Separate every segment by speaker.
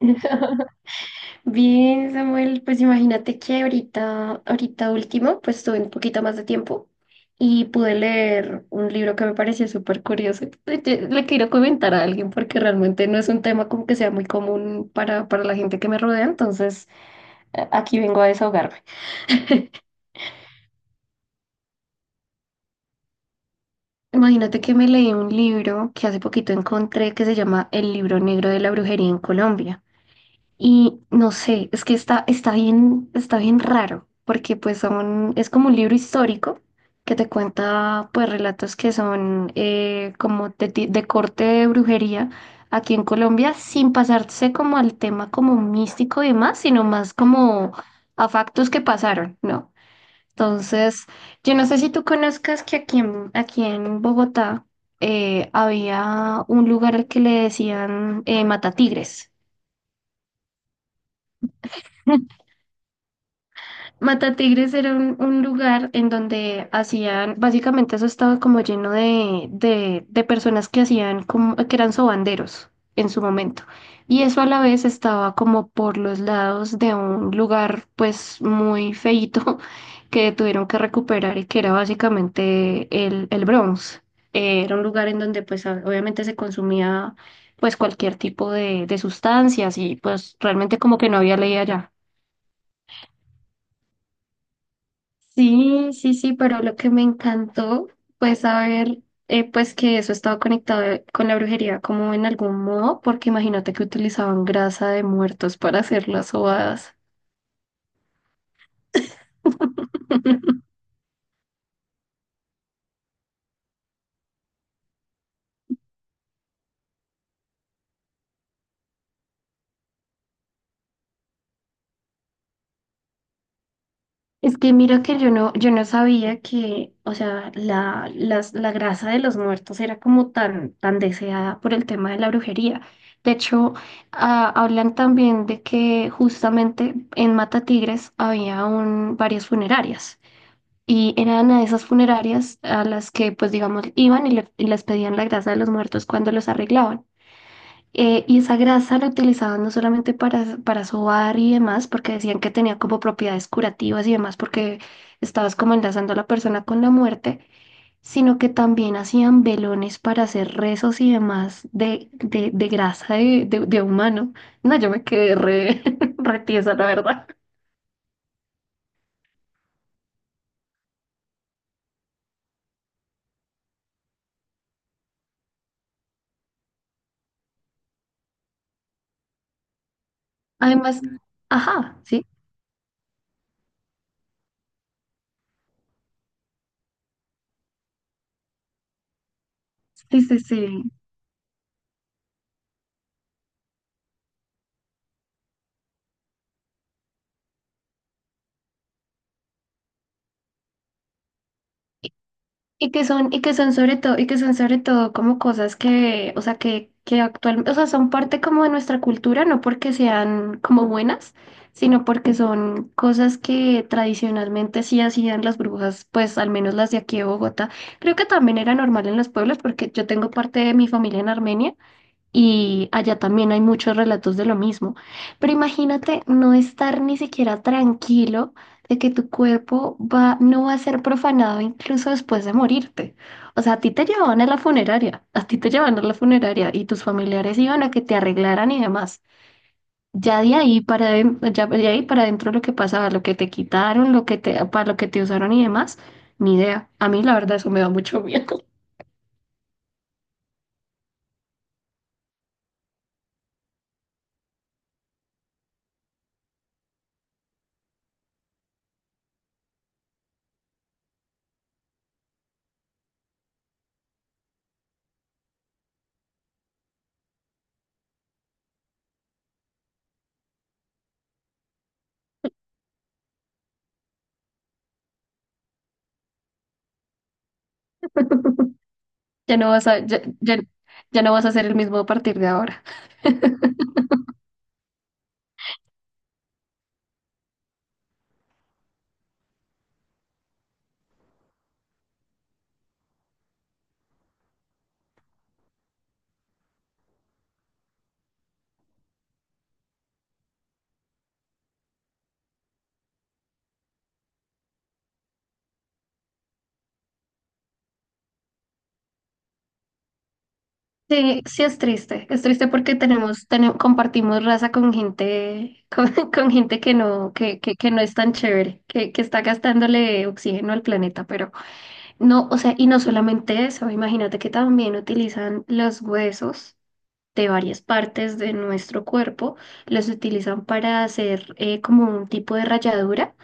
Speaker 1: Bien, Samuel, pues imagínate que ahorita último, pues tuve un poquito más de tiempo y pude leer un libro que me pareció súper curioso. Le quiero comentar a alguien porque realmente no es un tema como que sea muy común para la gente que me rodea, entonces aquí vengo a desahogarme. Imagínate que me leí un libro que hace poquito encontré que se llama El libro negro de la brujería en Colombia. Y no sé, es que está bien raro, porque pues son, es como un libro histórico que te cuenta pues relatos que son como de, de corte de brujería aquí en Colombia, sin pasarse como al tema como místico y demás, sino más como a factos que pasaron, ¿no? Entonces, yo no sé si tú conozcas que aquí en Bogotá había un lugar al que le decían Matatigres. Matatigres era un lugar en donde hacían, básicamente eso estaba como lleno de personas que hacían, como, que eran sobanderos en su momento. Y eso a la vez estaba como por los lados de un lugar pues muy feíto que tuvieron que recuperar y que era básicamente el Bronx. Era un lugar en donde pues obviamente se consumía pues cualquier tipo de sustancias y pues realmente como que no había ley allá. Sí, sí, sí, pero lo que me encantó fue saber pues que eso estaba conectado con la brujería como en algún modo, porque imagínate que utilizaban grasa de muertos para hacer las sobadas. Es que mira que yo no sabía que, o sea, la grasa de los muertos era como tan, tan deseada por el tema de la brujería. De hecho, hablan también de que justamente en Matatigres había varias funerarias. Y eran a esas funerarias a las que, pues digamos, iban y, les pedían la grasa de los muertos cuando los arreglaban. Y esa grasa la utilizaban no solamente para sobar y demás, porque decían que tenía como propiedades curativas y demás, porque estabas como enlazando a la persona con la muerte, sino que también hacían velones para hacer rezos y demás de grasa de humano. No, yo me quedé re, re tiesa, la verdad. Además, ajá, sí, sí, sí, sí. Y que son sobre todo, y que son sobre todo como cosas que, o sea, que actualmente, o sea, son parte como de nuestra cultura, no porque sean como buenas, sino porque son cosas que tradicionalmente sí hacían las brujas, pues al menos las de aquí de Bogotá. Creo que también era normal en los pueblos, porque yo tengo parte de mi familia en Armenia. Y allá también hay muchos relatos de lo mismo. Pero imagínate no estar ni siquiera tranquilo de que tu cuerpo va, no va a ser profanado incluso después de morirte. O sea, a ti te llevaban a la funeraria, a ti te llevaban a la funeraria y tus familiares iban a que te arreglaran y demás. Ya de ahí para adentro lo que pasaba, lo que te quitaron, para lo que te usaron y demás, ni idea. A mí la verdad eso me da mucho miedo. Ya no vas a, ya ya- ya no vas a ser el mismo a partir de ahora. Sí, sí es triste porque compartimos raza con gente, con, con gente que no es tan chévere, que está gastándole oxígeno al planeta, pero no, o sea, y no solamente eso, imagínate que también utilizan los huesos de varias partes de nuestro cuerpo, los utilizan para hacer como un tipo de ralladura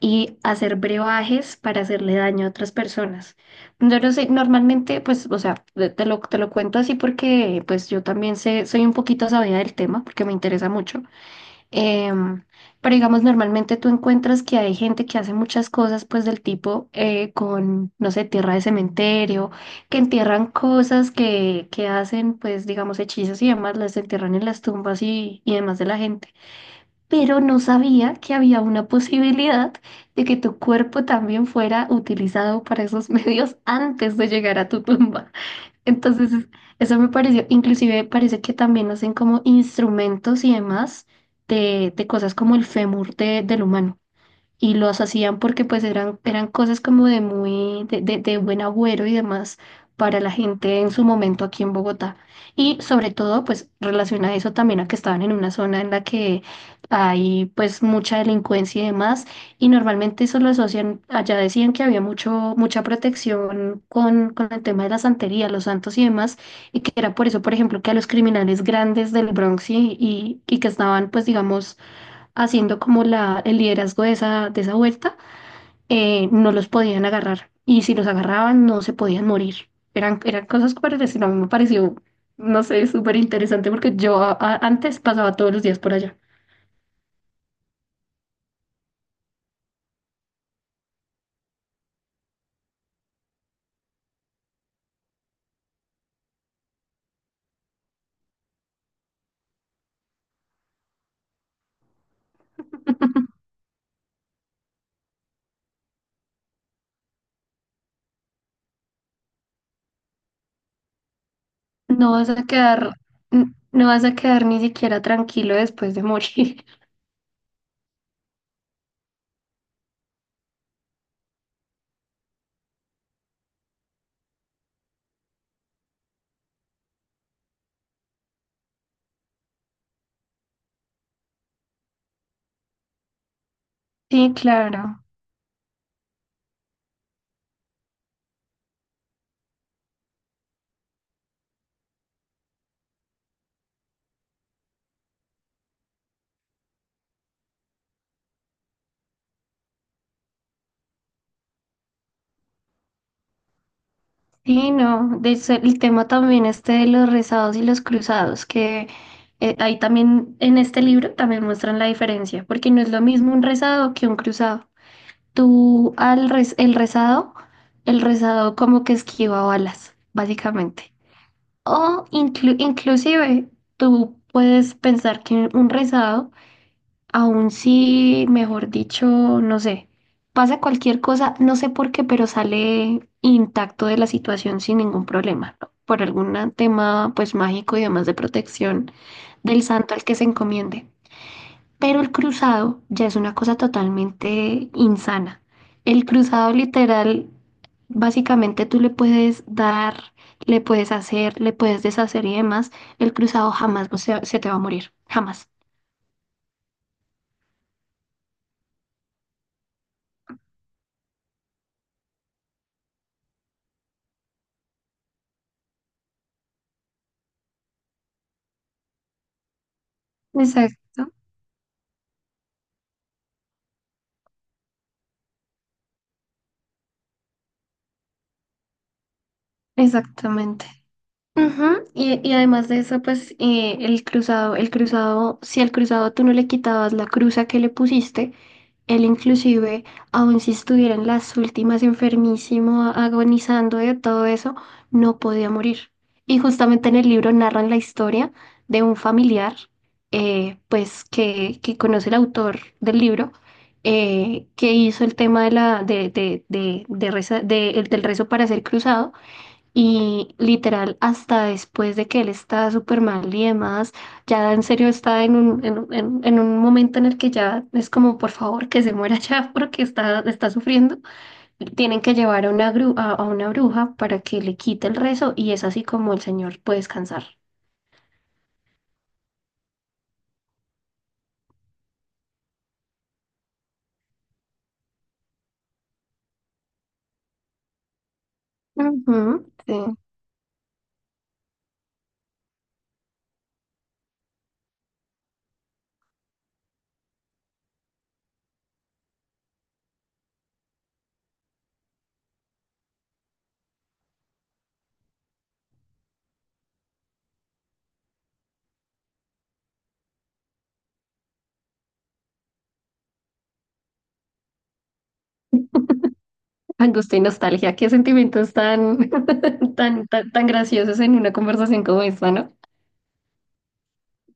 Speaker 1: y hacer brebajes para hacerle daño a otras personas. Yo no sé, normalmente, pues, o sea, te lo cuento así porque, pues, yo también sé, soy un poquito sabida del tema porque me interesa mucho. Em, pero digamos, normalmente tú encuentras que hay gente que hace muchas cosas, pues, del tipo con, no sé, tierra de cementerio, que entierran cosas que hacen, pues, digamos, hechizos y demás, las entierran en las tumbas y demás de la gente pero no sabía que había una posibilidad de que tu cuerpo también fuera utilizado para esos medios antes de llegar a tu tumba. Entonces, es- eso me pareció, inclusive parece que también hacen como instrumentos y demás de cosas como el fémur del humano y los hacían porque pues eran, eran cosas como de muy, de, de buen agüero y demás para la gente en su momento aquí en Bogotá. Y sobre todo pues relaciona eso también a que estaban en una zona en la que hay pues mucha delincuencia y demás, y normalmente eso lo asocian, allá decían que había mucho, mucha protección con el tema de la santería, los santos y demás, y que era por eso, por ejemplo, que a los criminales grandes del Bronx y que estaban pues digamos haciendo como la, el liderazgo de esa vuelta, no los podían agarrar. Y si los agarraban, no se podían morir. Eran, eran cosas que parecían, a mí me pareció, no sé, súper interesante porque yo antes pasaba todos los días por allá. No vas a quedar, n- no vas a quedar ni siquiera tranquilo después de morir. Sí, claro. Sí, no, de eso el tema también este de los rezados y los cruzados, que ahí también en este libro también muestran la diferencia, porque no es lo mismo un rezado que un cruzado. El rezado, el rezado como que esquiva balas, básicamente. O inclusive tú puedes pensar que un rezado aún si, mejor dicho, no sé, pasa cualquier cosa, no sé por qué, pero sale intacto de la situación sin ningún problema, ¿no? Por algún tema pues mágico y demás de protección del santo al que se encomiende. Pero el cruzado ya es una cosa totalmente insana. El cruzado literal, básicamente tú le puedes dar, le puedes hacer, le puedes deshacer y demás. El cruzado jamás o sea, se te va a morir, jamás. Exacto. Exactamente. Ujú, y además de eso, pues el cruzado, si al cruzado tú no le quitabas la cruza que le pusiste, él inclusive, aun si estuviera en las últimas enfermísimo, agonizando de todo eso, no podía morir. Y justamente en el libro narran la historia de un familiar, pues que conoce el autor del libro, que hizo el tema de la, de del rezo para ser cruzado y literal, hasta después de que él está súper mal y demás, ya en serio está en un, en, en un momento en el que ya es como, por favor, que se muera ya porque está, está sufriendo. Tienen que llevar a una, a una bruja para que le quite el rezo y es así como el señor puede descansar. Ujú, sí. Angustia y nostalgia, qué sentimientos tan, tan, tan, tan graciosos en una conversación como esta, ¿no?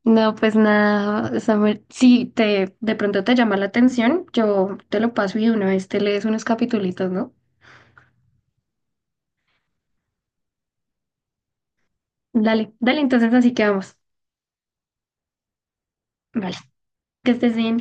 Speaker 1: No, pues nada, Samuel, si te, de pronto te llama la atención, yo te lo paso y de una vez te lees unos capitulitos, ¿no? Dale, dale, entonces así que vamos. Vale, que estés bien.